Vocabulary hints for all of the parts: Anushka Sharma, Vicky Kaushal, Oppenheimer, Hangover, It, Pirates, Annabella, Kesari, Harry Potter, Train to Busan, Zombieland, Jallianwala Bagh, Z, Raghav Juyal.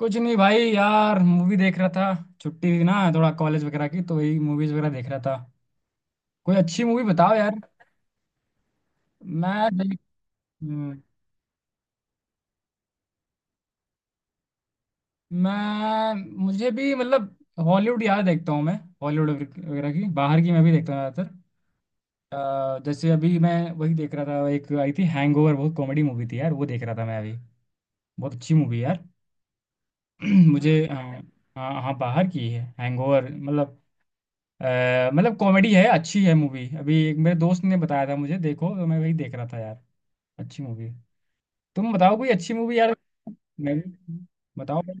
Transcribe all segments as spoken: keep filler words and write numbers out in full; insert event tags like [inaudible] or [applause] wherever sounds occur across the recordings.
कुछ नहीं भाई, यार मूवी देख रहा था। छुट्टी थी ना थोड़ा कॉलेज वगैरह की, तो वही मूवीज वगैरह देख रहा था। कोई अच्छी मूवी बताओ यार। मैं देख हम्म, मैं मुझे भी मतलब हॉलीवुड यार देखता हूँ मैं। हॉलीवुड वगैरह की, बाहर की मैं भी देखता हूँ ज़्यादातर। अ, जैसे अभी मैं वही देख रहा था, एक आई थी हैंगओवर, बहुत कॉमेडी मूवी थी यार, वो देख रहा था मैं अभी। बहुत अच्छी मूवी यार। [clears throat] मुझे, हाँ। हाँ हाँ, बाहर की है हैंगओवर मतलब। अ, मतलब कॉमेडी है, अच्छी है मूवी, अभी एक मेरे दोस्त ने बताया था मुझे, देखो तो मैं वही देख रहा था यार। अच्छी मूवी है। तुम बताओ कोई अच्छी मूवी यार। मैं भी। बताओ भाई।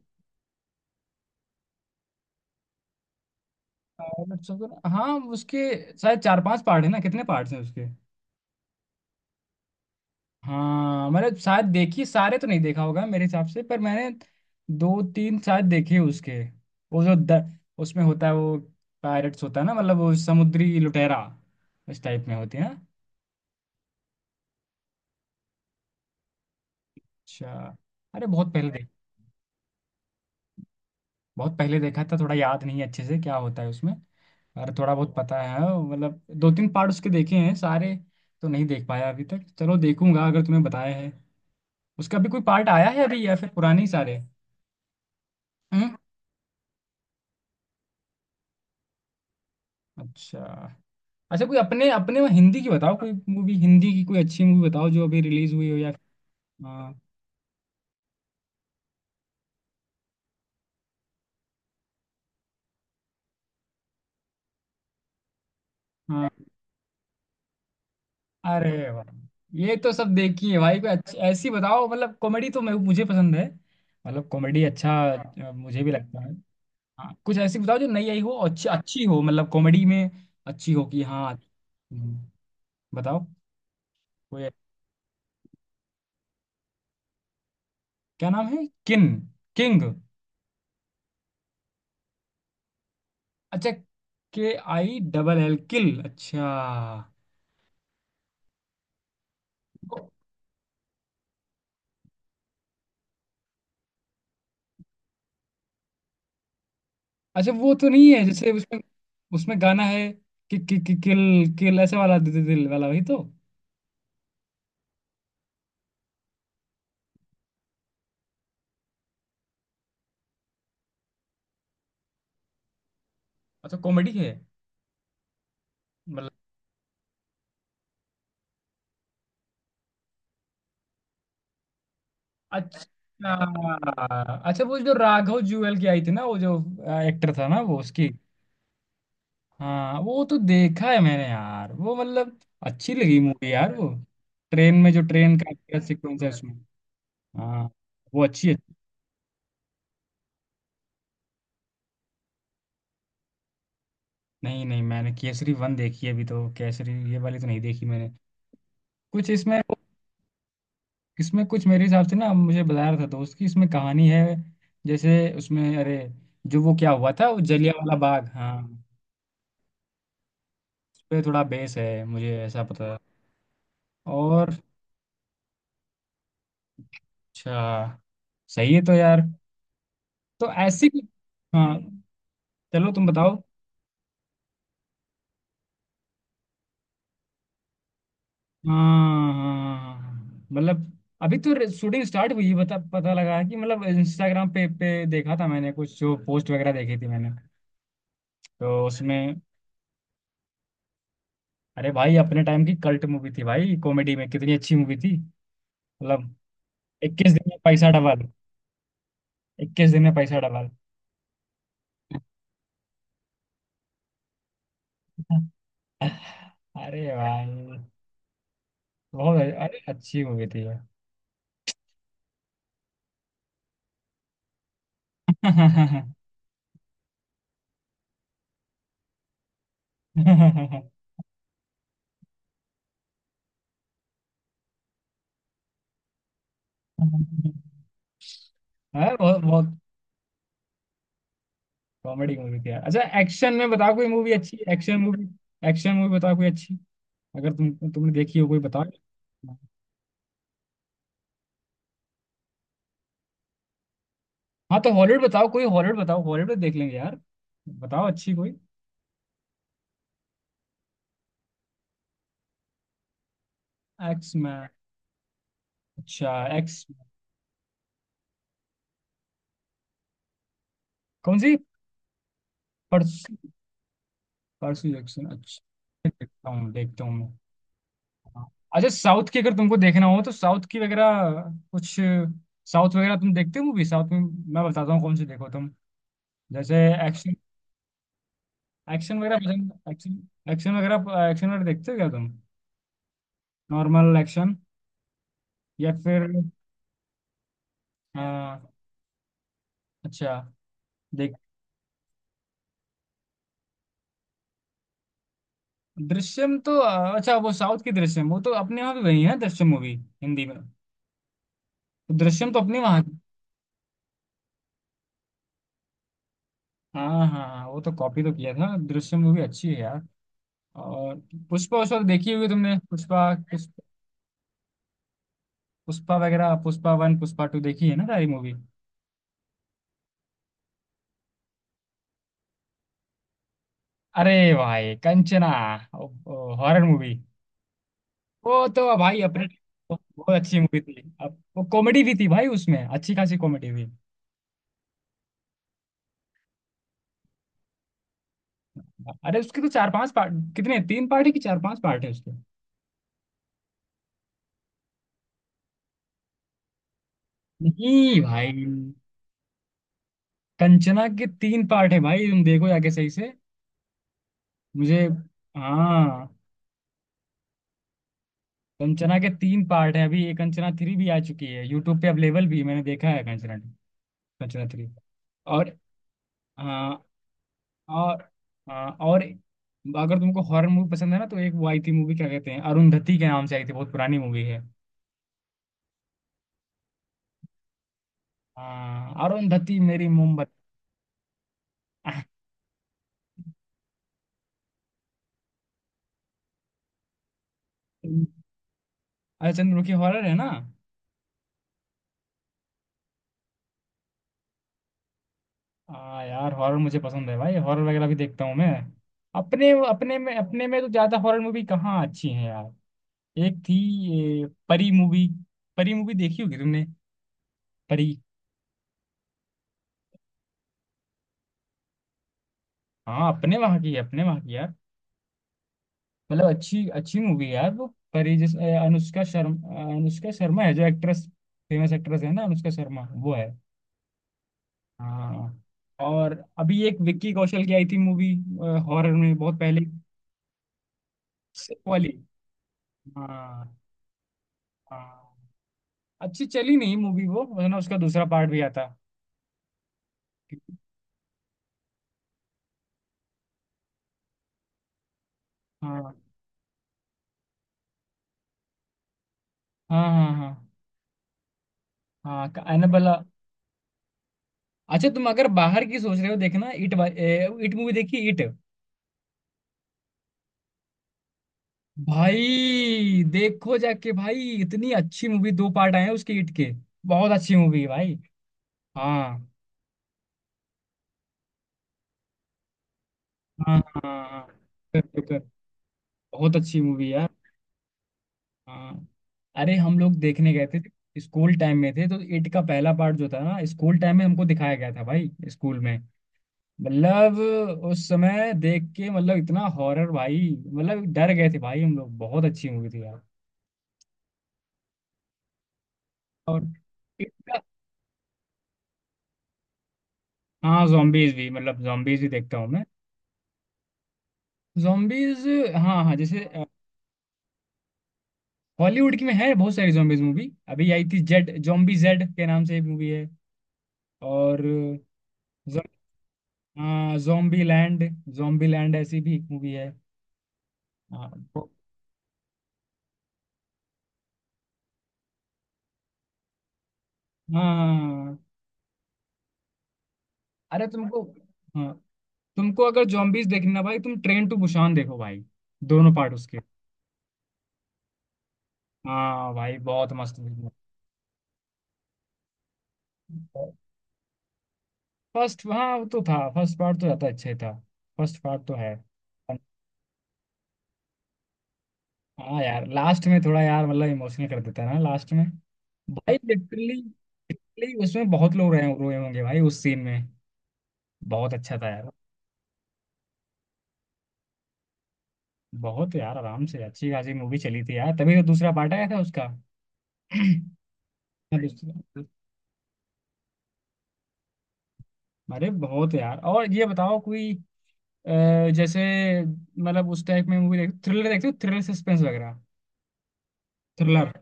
अ, अच्छा, हाँ उसके शायद चार पांच पार्ट है ना, कितने पार्ट्स हैं उसके? हाँ, मैंने शायद देखी, सारे तो नहीं देखा होगा मेरे हिसाब से, पर मैंने दो तीन शायद देखे उसके। वो जो द, उसमें होता है वो पायरेट्स होता है ना, मतलब वो समुद्री लुटेरा। इस टाइप में होती है ना। अच्छा। अरे, बहुत पहले। बहुत पहले देखा था, थोड़ा याद नहीं है अच्छे से क्या होता है उसमें, और थोड़ा बहुत पता है हाँ, मतलब दो तीन पार्ट उसके देखे हैं, सारे तो नहीं देख पाया अभी तक। चलो, देखूंगा अगर तुम्हें बताया है। उसका भी कोई पार्ट आया है अभी, या फिर पुराने ही सारे? हम्म। अच्छा। अच्छा कोई, अपने अपने में हिंदी की बताओ कोई मूवी, हिंदी की कोई अच्छी मूवी बताओ जो अभी रिलीज हुई हो या। हाँ। हाँ। अरे वाह। ये तो सब देखी है भाई, कोई अच्छी ऐसी बताओ, मतलब कॉमेडी तो मैं मुझे पसंद है। मतलब कॉमेडी, अच्छा, अ, मुझे भी लगता है। हाँ, कुछ ऐसी बताओ जो नई आई हो और अच्छी अच्छी हो, मतलब कॉमेडी में। अच्छी हो कि, हाँ, हम्म, बताओ कोई। क्या नाम है? किन किंग? अच्छा। K I double L, kill, अच्छा। वो- अच्छा वो तो नहीं है, जैसे उसमें। उसमें गाना है कि, कि, कि किल किल ऐसे वाला दि, दि, दिल वाला, वही तो। अच्छा कॉमेडी है, मतलब, अच्छा। अच्छा वो जो राघव जुएल की आई थी ना, वो जो एक्टर था ना वो, उसकी। हाँ, वो तो देखा है मैंने यार वो, मतलब अच्छी लगी मूवी यार वो। ट्रेन में जो ट्रेन का सीक्वेंस है उसमें। हाँ, वो अच्छी है। नहीं नहीं, मैंने केसरी वन देखी है अभी तो, केसरी ये वाली तो नहीं देखी मैंने। कुछ इसमें, इसमें कुछ मेरे हिसाब से ना, मुझे बता रहा था दोस्त कि इसमें कहानी है जैसे उसमें, अरे जो वो क्या हुआ था वो जलियांवाला बाग, हाँ। उस पे थोड़ा बेस है, मुझे ऐसा पता है। और, अच्छा। सही है तो यार। तो ऐसी, हाँ। चलो तुम बताओ। हाँ हाँ, मतलब अभी तो शूटिंग स्टार्ट हुई है, बता पता लगा है कि, मतलब इंस्टाग्राम पे पे देखा था मैंने, कुछ जो पोस्ट वगैरह देखी थी मैंने, तो उसमें। अरे भाई, अपने टाइम की कल्ट मूवी थी भाई, कॉमेडी में कितनी अच्छी मूवी थी मतलब। इक्कीस दिन में पैसा डबल। इक्कीस दिन में पैसा डबल। [laughs] अरे भाई, बहुत, अरे अच्छी मूवी थी यार। [laughs] हाँ, बहुत बहुत कॉमेडी मूवी थी यार। अच्छा, एक्शन में बताओ कोई मूवी, अच्छी एक्शन मूवी। एक्शन मूवी बताओ कोई अच्छी, अगर तुम तुमने देखी हो कोई बताओ। हाँ तो हॉलीवुड बताओ कोई, हॉलीवुड बताओ, हॉलीवुड तो देख लेंगे यार। बताओ अच्छी कोई। एक्स मैन, अच्छा। एक्स, कौन सी? परसू? परसू जैक्सन, अच्छा, देखता हूँ देखता हूँ मैं। अच्छा, साउथ की अगर तुमको देखना हो तो साउथ की वगैरह कुछ। साउथ वगैरह तुम देखते हो मूवी, साउथ में? मैं बताता हूँ कौन सी देखो तुम। जैसे एक्शन, एक्शन वगैरह पसंद? एक्शन, एक्शन वगैरह, एक्शन वगैरह देखते हो क्या तुम? नॉर्मल एक्शन, या फिर? हाँ, अच्छा। देख, दृश्यम तो, अ, अच्छा वो साउथ की दृश्यम, वो तो अपने वहाँ भी वही है दृश्यम मूवी हिंदी में, तो दृश्यम तो अपने वहाँ की। हाँ हाँ हाँ, वो तो कॉपी तो किया था, दृश्यम मूवी अच्छी है यार। और पुष्पा उस वक्त देखी होगी तुमने, पुष्पा, पुष्प- पुष्पा वगैरह, पुष्पा वन, पुष्पा टू देखी है ना सारी मूवी। अरे भाई, कंचना, हॉरर मूवी, वो तो भाई अपने, बहुत अच्छी मूवी थी। अब वो कॉमेडी भी थी भाई, उसमें अच्छी खासी कॉमेडी भी। अरे उसके तो चार पांच पार्ट, कितने, तीन पार्ट है कि चार पांच पार्ट है उसके? नहीं भाई, कंचना के तीन पार्ट है भाई, तुम देखो जाके सही से। मुझे, हाँ। कंचना के तीन पार्ट है, अभी ये कंचना थ्री भी आ चुकी है, यूट्यूब पे अवेलेबल भी है, मैंने देखा है कंचना, कंचना थ्री। और, हाँ, और, हाँ, और अगर तुमको हॉरर मूवी पसंद है ना, तो एक वो आई थी मूवी, क्या कहते हैं, अरुंधति के नाम से आई थी, बहुत पुरानी मूवी है। हाँ, अरुंधति मेरी मोमबत्ती। [laughs] अरे चंद्र की, हॉरर है ना। हाँ यार, हॉरर मुझे पसंद है भाई, हॉरर वगैरह भी देखता हूँ मैं। अपने, अपने में, अपने में तो ज्यादा हॉरर मूवी कहाँ अच्छी है यार। एक थी, ये परी मूवी, परी मूवी देखी होगी तुमने, परी? हाँ, अपने वहाँ की है, अपने वहाँ की है, मतलब अच्छी अच्छी मूवी है यार वो। परी, जिस, अ, अनुष्का शर्मा अनुष्का शर्मा है जो एक्ट्रेस, फेमस एक्ट्रेस है ना अनुष्का शर्मा, वो है। हाँ। और अभी एक विक्की कौशल की आई थी मूवी, हॉरर में, बहुत पहले। Sick वाली। हाँ। हाँ, अच्छी चली नहीं मूवी वो, वरना उसका दूसरा पार्ट भी आता। हाँ हाँ हाँ हाँ। हाँ, एनाबेला। अच्छा, तुम अगर बाहर की सोच रहे हो देखना, इट, इट मूवी देखी, इट? भाई देखो जाके, भाई इतनी अच्छी मूवी, दो पार्ट आए हैं उसके हिट के, बहुत अच्छी मूवी है भाई। हाँ हाँ हाँ हाँ हाँ। कर, कर, कर। बहुत अच्छी मूवी यार। हाँ, अरे हम लोग देखने गए थे, स्कूल टाइम में थे तो, इट का पहला पार्ट जो था ना, स्कूल टाइम में हमको दिखाया गया था भाई स्कूल में, मतलब उस समय देख के, मतलब इतना हॉरर भाई, मतलब डर गए थे भाई हम लोग, बहुत अच्छी मूवी थी यार। और। It का- हाँ, जॉम्बीज भी, मतलब जॉम्बीज भी देखता हूँ मैं। Zombies, हाँ हाँ, जैसे हॉलीवुड की में है बहुत सारी zombies मूवी। अभी आई थी जेड, zombie जेड के नाम से एक मूवी है। और जो, हाँ, zombie लैंड, zombie लैंड ऐसी भी एक मूवी है। हाँ तो- हाँ। अरे तुमको हाँ, तुमको अगर zombies देखना, भाई तुम ट्रेन टू बुसान देखो भाई, दोनों पार्ट उसके। हाँ भाई, बहुत मस्त मूवी। फर्स्ट, हाँ, वो तो था, फर्स्ट पार्ट तो ज्यादा अच्छा ही था। फर्स्ट पार्ट तो है। हाँ यार, लास्ट में थोड़ा यार, मतलब इमोशनल कर देता है ना लास्ट में। भाई लिटरली, लिटरली उसमें बहुत लोग रहे रोए होंगे भाई, उस सीन में। बहुत अच्छा था यार। बहुत यार, आराम से अच्छी खासी मूवी चली थी यार, तभी तो दूसरा पार्ट आया था उसका। [clears throat] दूसरा- अरे बहुत यार। और ये बताओ कोई, अ, जैसे मतलब उस टाइप में मूवी, देख थ्रिलर देखते हो, थ्रिलर सस्पेंस वगैरह, थ्रिलर?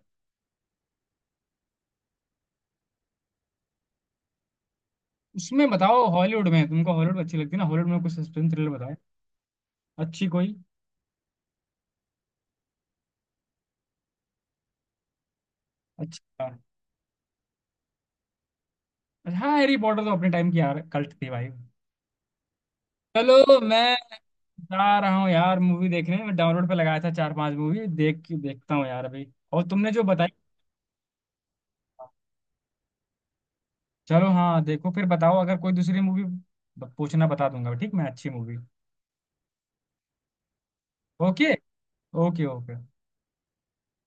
उसमें बताओ, हॉलीवुड में, तुमको हॉलीवुड अच्छी लगती है ना, हॉलीवुड में कुछ सस्पेंस थ्रिलर बताओ, अच्छी कोई। अच्छा, हाँ, हैरी पॉटर तो अपने टाइम की यार कल्ट थी भाई। चलो, मैं जा रहा हूँ यार मूवी देखने, मैं डाउनलोड पे लगाया था चार पांच मूवी, देख के देखता हूँ यार अभी, और तुमने जो बताई। चलो, हाँ, देखो फिर बताओ, अगर कोई दूसरी मूवी पूछना बता दूंगा, ठीक, मैं अच्छी मूवी। Okay, okay, okay.